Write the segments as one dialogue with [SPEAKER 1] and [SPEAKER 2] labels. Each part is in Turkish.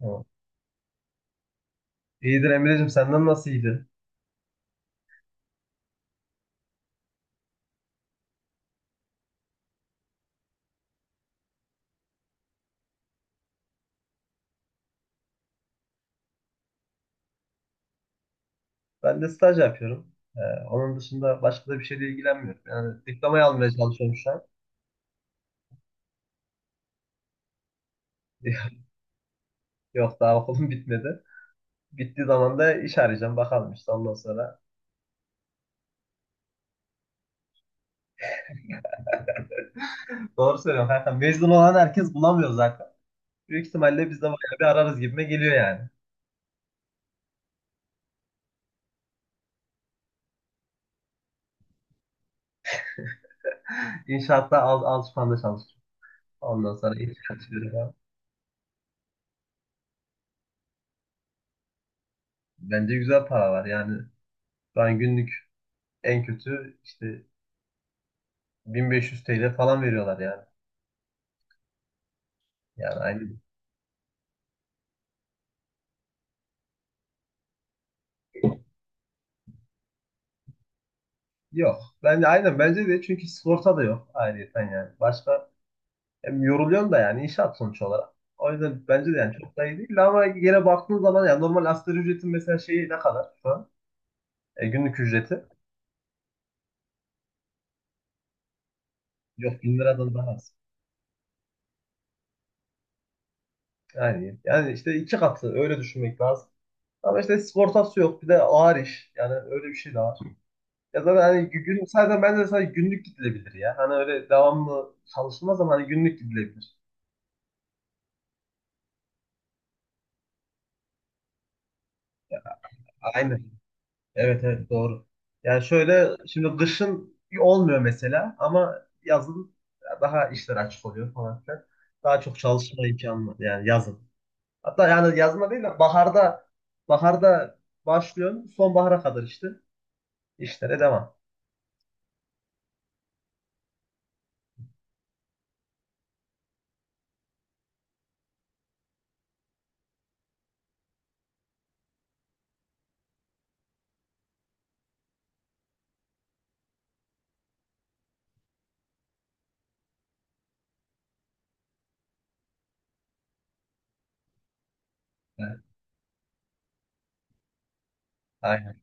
[SPEAKER 1] Tamam. İyidir Emre'cim senden nasıl iyidir? Ben de staj yapıyorum. Ee, Onun dışında başka da bir şeyle ilgilenmiyorum. Yani diplomayı almaya çalışıyorum şu an. Yok daha okulum bitmedi. Bittiği zaman da iş arayacağım bakalım işte ondan sonra. Doğru söylüyorum kanka, mezun olan herkes bulamıyor zaten. Büyük ihtimalle biz de bayağı bir ararız gibime geliyor yani. İnşaatta alışmanda çalışıyorum. Ondan sonra iş arayacağım falan. Bence güzel para var yani. Ben günlük en kötü işte 1500 TL falan veriyorlar yani. Yani aynı. Yok. Ben de aynen, bence de, çünkü sigorta da yok ayrıyeten yani. Başka, hem yoruluyorsun da yani inşaat sonuç olarak. O yüzden bence de yani çok da iyi değil, ama yine baktığın zaman yani normal asgari ücretin mesela şeyi ne kadar şu an? Günlük ücreti. Yok bin liradan daha az. Yani işte iki katı, öyle düşünmek lazım. Ama işte sigortası yok, bir de ağır iş. Yani öyle bir şey de var. Ya zaten hani gün, zaten bence de sadece günlük gidilebilir ya. Hani öyle devamlı çalışılmaz ama hani günlük gidilebilir. Aynen. Evet, evet, doğru. Yani şöyle, şimdi kışın olmuyor mesela, ama yazın daha işler açık oluyor falan filan. Daha çok çalışma imkanı var yani yazın. Hatta yani yazında değil de baharda başlıyorsun, sonbahara kadar işte işlere devam. Evet, aynen.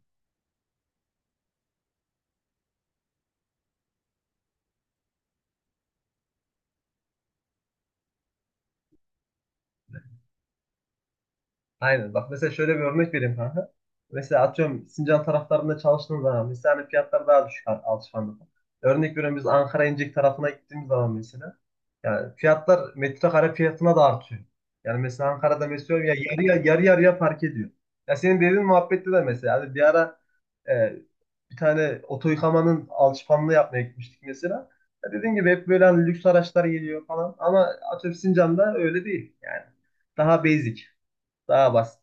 [SPEAKER 1] Aynen. Bak mesela şöyle bir örnek vereyim kanka. Mesela atıyorum Sincan taraflarında çalıştığın zaman mesela hani fiyatlar daha düşük alışverişte. Örnek veriyorum, biz Ankara İncek tarafına gittiğimiz zaman mesela yani fiyatlar metrekare fiyatına da artıyor. Yani mesela Ankara'da mesela ya yarı yarıya fark ediyor. Ya senin dediğin muhabbette de mesela hani bir ara e, bir tane oto yıkamanın alışkanlığı yapmaya gitmiştik mesela. Ya dediğim gibi hep böyle hani lüks araçlar geliyor falan ama atıyorum Sincan'da öyle değil yani. Daha basic. Daha basit.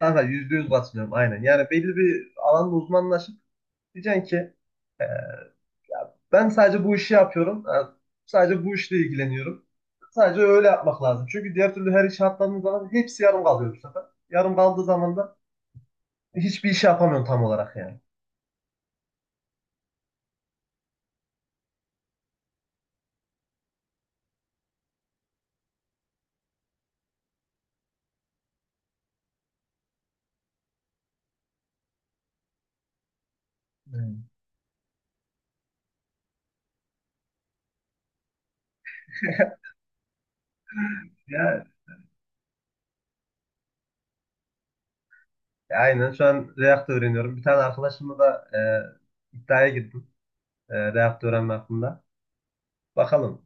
[SPEAKER 1] Kanka %100 katılıyorum aynen. Yani belli bir alanda uzmanlaşıp diyeceksin ki ya ben sadece bu işi yapıyorum. Yani sadece bu işle ilgileniyorum. Sadece öyle yapmak lazım. Çünkü diğer türlü her işe atladığın zaman hepsi yarım kalıyor bu sefer. Yarım kaldığı zaman da hiçbir iş yapamıyorsun tam olarak yani. Hmm. Ya, aynen şu an React öğreniyorum. Bir tane arkadaşımla da iddiaya girdim React öğrenme hakkında. Bakalım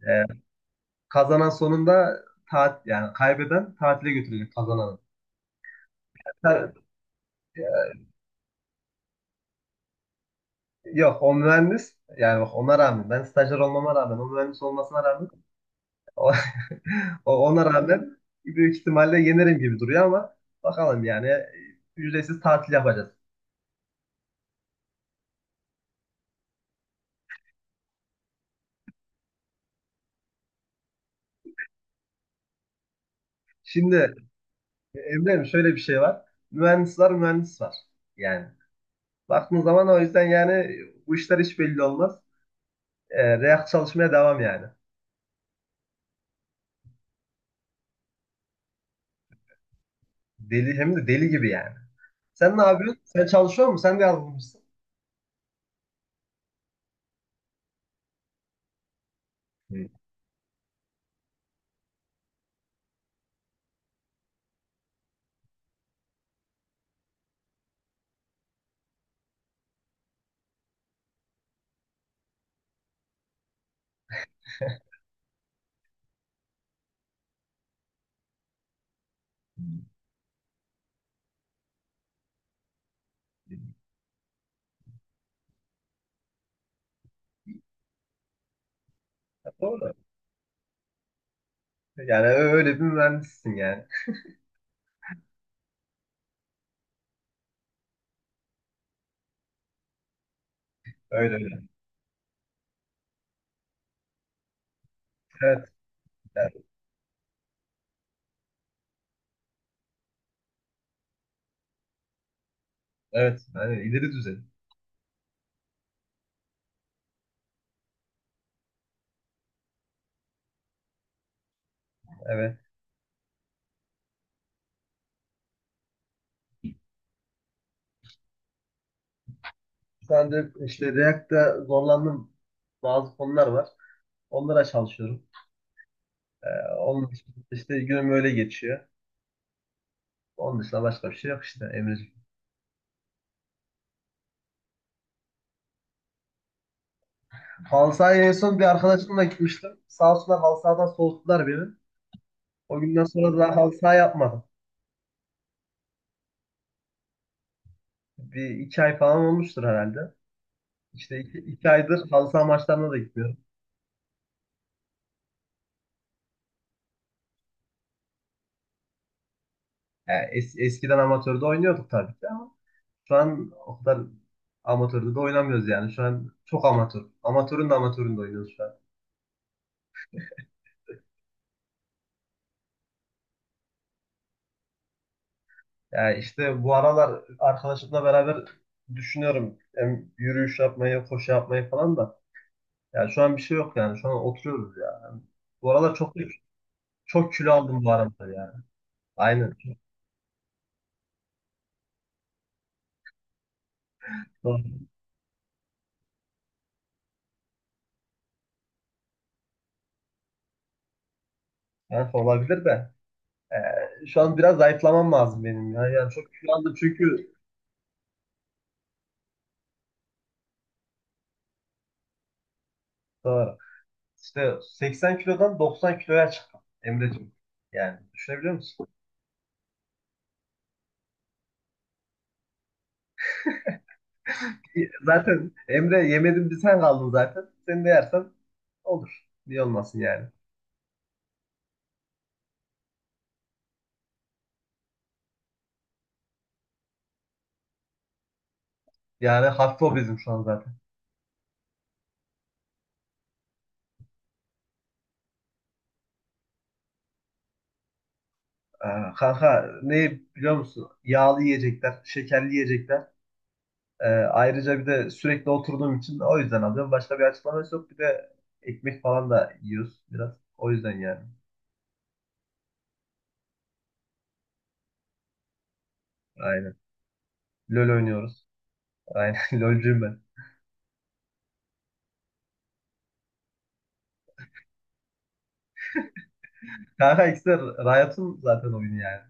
[SPEAKER 1] kazanan sonunda, tat yani kaybeden tatile götürecek kazananı. Ben- Yok, o mühendis yani. Bak ona rağmen, ben stajyer olmama rağmen, o mühendis olmasına rağmen o, ona rağmen büyük ihtimalle yenerim gibi duruyor ama bakalım yani. Ücretsiz tatil yapacağız. Şimdi Emre'm şöyle bir şey var. Mühendis var, mühendis var. Yani baktığın zaman o yüzden yani bu işler hiç belli olmaz. E, React çalışmaya devam yani. Deli, hem de deli gibi yani. Sen ne yapıyorsun? Sen çalışıyor musun? Sen de yazılımcısın. Hı, ya doğru. Yani öyle bir mühendissin yani. Öyle öyle. Evet. Yani, evet. Yani ileri düzey. Evet. Şu anda işte React'ta zorlandığım bazı konular var. Onlara çalışıyorum. Ee, Onun dışında işte günüm öyle geçiyor. Onun dışında başka bir şey yok işte Emre'ciğim. Halı sahaya en son bir arkadaşımla gitmiştim. Sağ olsunlar halı sahadan soğuttular beni. O günden sonra daha halı saha yapmadım. Bir iki ay falan olmuştur herhalde. İşte iki aydır halı saha maçlarına da gitmiyorum. Yani eskiden amatörde oynuyorduk tabii ki ama şu an o kadar amatörde de oynamıyoruz yani. Şu an çok amatör. Amatörün de amatöründe oynuyoruz şu an. Yani işte bu aralar arkadaşımla beraber düşünüyorum. Hem yürüyüş yapmayı, koşu yapmayı falan da. Yani şu an bir şey yok yani. Şu an oturuyoruz yani. Bu aralar çok kilo aldım bu aralar yani. Aynen. Çok, çok olabilir de. Şu an biraz zayıflamam lazım benim ya. Yani çok şu anda çünkü doğru. İşte 80 kilodan 90 kiloya çıktım Emre'cim. Yani düşünebiliyor musun? Zaten Emre yemedim, bir sen kaldın zaten. Sen de yersen olur. Niye olmasın yani? Yani hafif obezim şu an zaten. Kanka ne biliyor musun? Yağlı yiyecekler, şekerli yiyecekler. Ayrıca bir de sürekli oturduğum için o yüzden alıyorum. Başka bir açıklaması yok. Bir de ekmek falan da yiyoruz biraz. O yüzden yani. Aynen. LoL oynuyoruz. Aynen LoL'cuyum ben. Kanka ikisi de Riot'un zaten oyunu yani.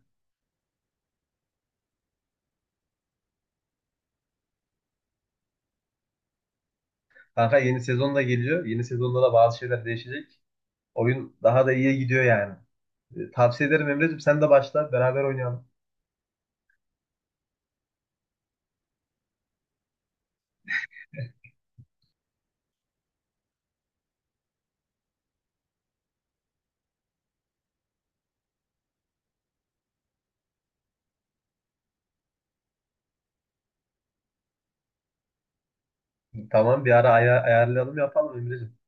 [SPEAKER 1] Kanka yeni sezon da geliyor. Yeni sezonda da bazı şeyler değişecek. Oyun daha da iyiye gidiyor yani. E, tavsiye ederim Emre'cim, sen de başla beraber oynayalım. Tamam bir ara ayarlayalım yapalım Emre'cim.